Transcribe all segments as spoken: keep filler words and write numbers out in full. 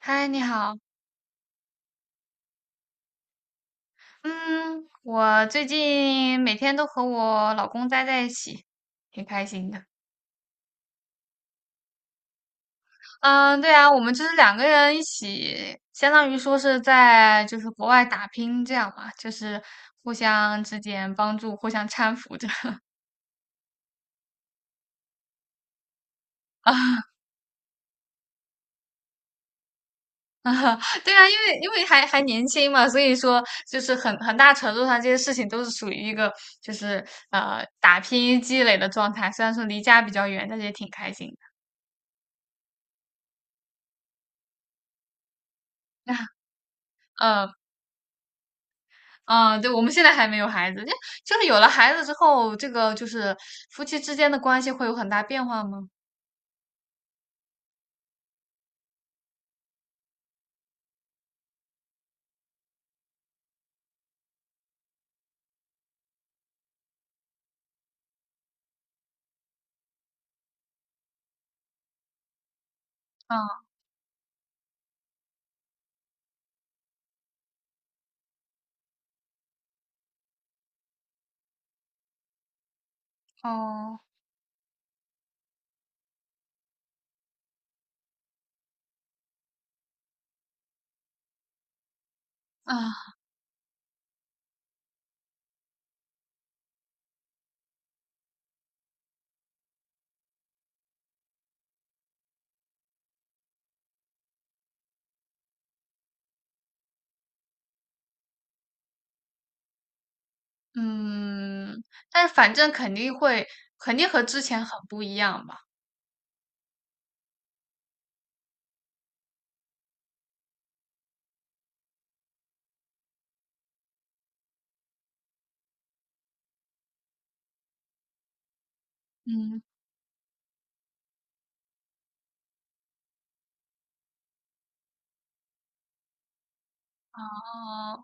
嗨，你好。嗯，我最近每天都和我老公待在一起，挺开心的。嗯，对啊，我们就是两个人一起，相当于说是在就是国外打拼这样嘛，就是互相之间帮助，互相搀扶着 啊啊。对啊，因为因为还还年轻嘛，所以说就是很很大程度上这些事情都是属于一个就是呃打拼积累的状态。虽然说离家比较远，但是也挺开心的。嗯啊，对，我们现在还没有孩子，就就是有了孩子之后，这个就是夫妻之间的关系会有很大变化吗？啊，哦，啊，嗯，但是反正肯定会，肯定和之前很不一样吧。嗯，啊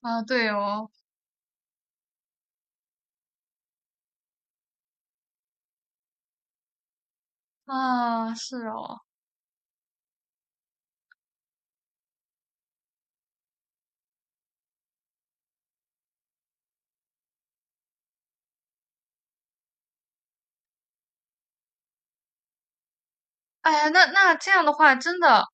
啊，对哦，啊，是哦，哎呀，那那这样的话，真的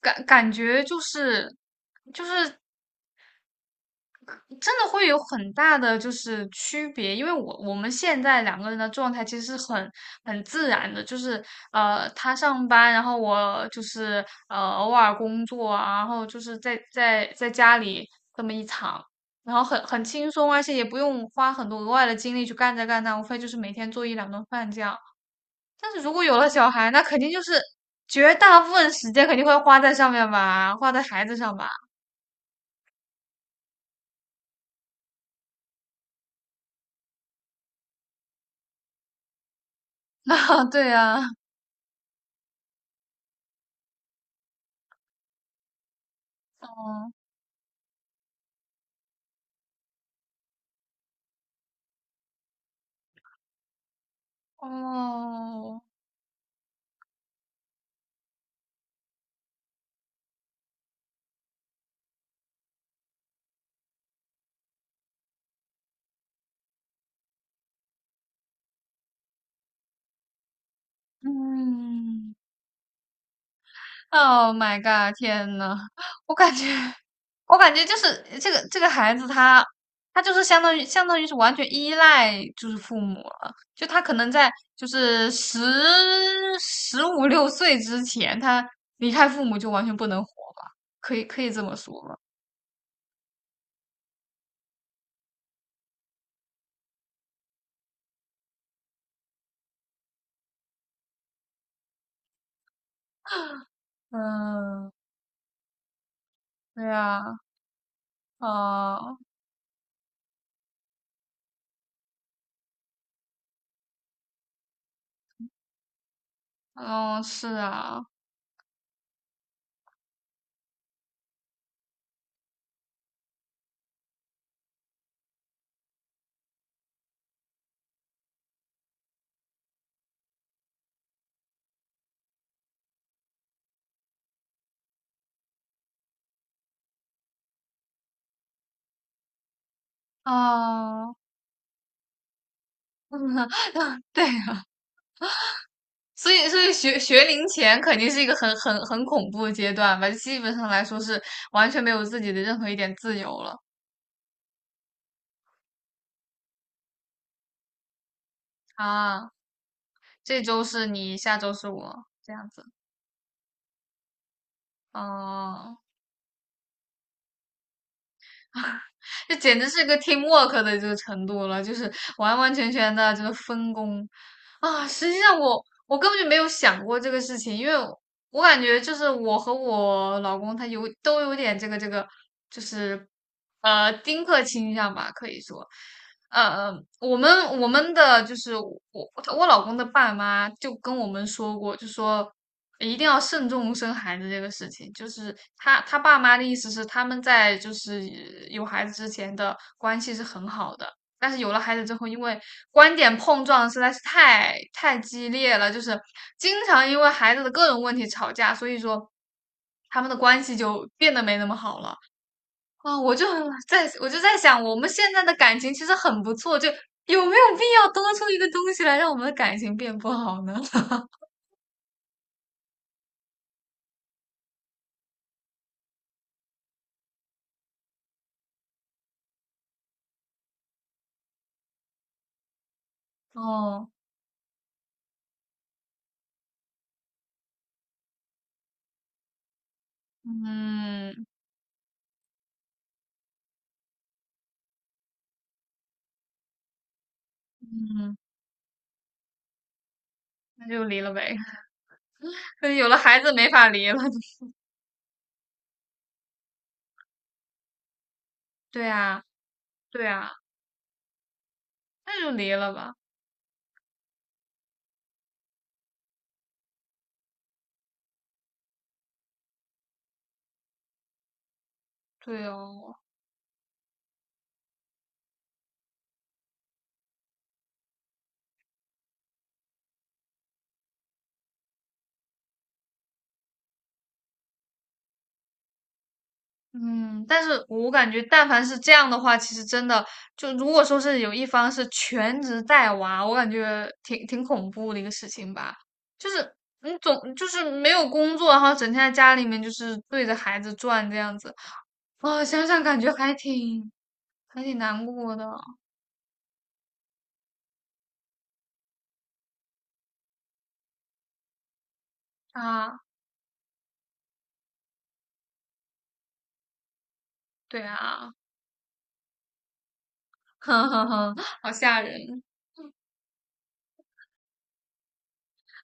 感感觉就是就是真的会有很大的就是区别，因为我我们现在两个人的状态其实是很很自然的，就是呃他上班，然后我就是呃偶尔工作啊，然后就是在在在家里这么一场，然后很很轻松，而且也不用花很多额外的精力去干这干那，无非就是每天做一两顿饭这样。但是如果有了小孩，那肯定就是绝大部分时间肯定会花在上面吧，花在孩子上吧。啊，对呀，哦。嗯，Oh my god!天呐，我感觉，我感觉就是这个这个孩子他，他就是相当于相当于是完全依赖就是父母了。就他可能在就是十十五六岁之前，他离开父母就完全不能活吧？可以可以这么说吧？嗯，对啊，啊，嗯，是啊，啊，对，所以，所以学学龄前肯定是一个很很很恐怖的阶段吧，基本上来说是完全没有自己的任何一点自由了啊。这周是你，下周是我，这样子，哦，这简直是个 teamwork 的这个程度了，就是完完全全的这个分工。啊，实际上我我根本就没有想过这个事情，因为我我感觉就是我和我老公他有都有点这个这个，就是呃丁克倾向吧，可以说，呃，我们我们的就是我我老公的爸妈就跟我们说过，就说一定要慎重生孩子这个事情，就是他他爸妈的意思是他们在就是有孩子之前的关系是很好的。但是有了孩子之后，因为观点碰撞实在是太太激烈了，就是经常因为孩子的各种问题吵架，所以说他们的关系就变得没那么好了。啊，我就在我就在想，我们现在的感情其实很不错，就有没有必要多出一个东西来让我们的感情变不好呢？哦，嗯嗯，那就离了呗。可是有了孩子没法离了。对啊，对啊，那就离了吧。对哦。嗯，但是我感觉，但凡是这样的话，其实真的就如果说是有一方是全职带娃，我感觉挺挺恐怖的一个事情吧。就是你总就是没有工作，然后整天在家里面就是对着孩子转这样子，啊、想想感觉还挺还挺难过的啊。对啊，哼哼哼，好吓人。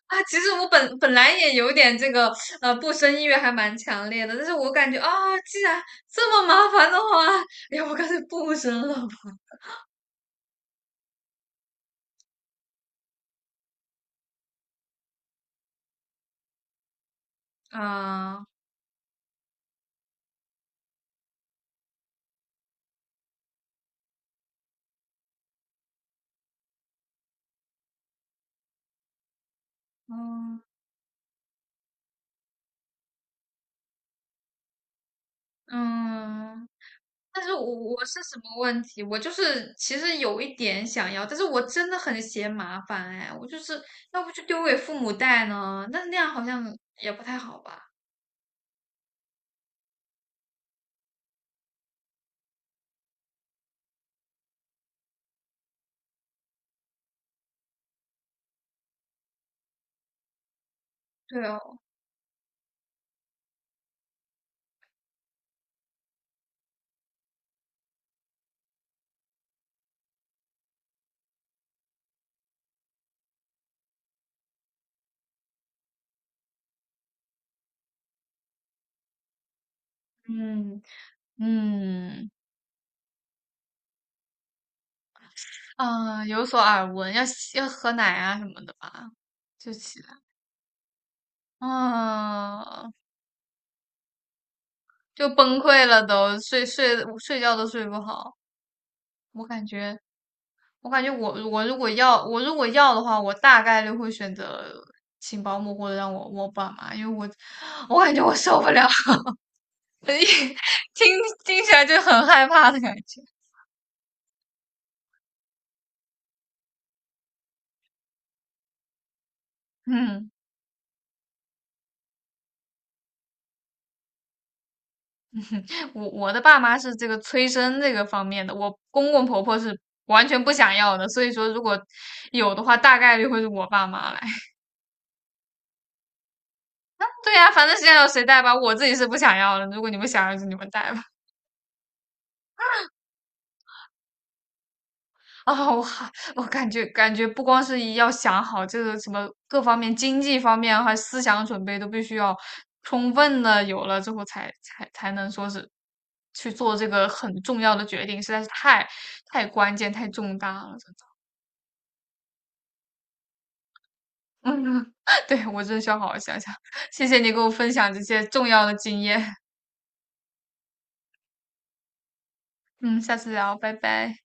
啊，其实我本本来也有点这个呃不生意愿还蛮强烈的，但是我感觉啊，既然这么麻烦的话，要不干脆不生了吧？啊，嗯嗯，但是我我是什么问题？我就是其实有一点想要，但是我真的很嫌麻烦哎，我就是要不就丢给父母带呢，那那样好像也不太好吧？对哦，嗯嗯嗯，有所耳闻，要要喝奶啊什么的吧？就其啊，就崩溃了都，睡睡睡觉都睡不好。我感觉，我感觉我我如果要我如果要的话，我大概率会选择请保姆或者让我我爸妈，因为我我感觉我受不了，听听起来就很害怕的感觉。嗯，我我的爸妈是这个催生这个方面的，我公公婆婆是完全不想要的，所以说如果有的话，大概率会是我爸妈来。对呀、啊反正现在有谁带吧，我自己是不想要了。如果你们想要，就你们带吧。啊，我还我感觉感觉不光是要想好这个什么各方面、经济方面还思想准备都必须要充分的有了之后才，才才才能说是去做这个很重要的决定，实在是太太关键、太重大了，真的嗯，对，我真的需要好好想想。谢谢你给我分享这些重要的经验。嗯，下次聊，拜拜。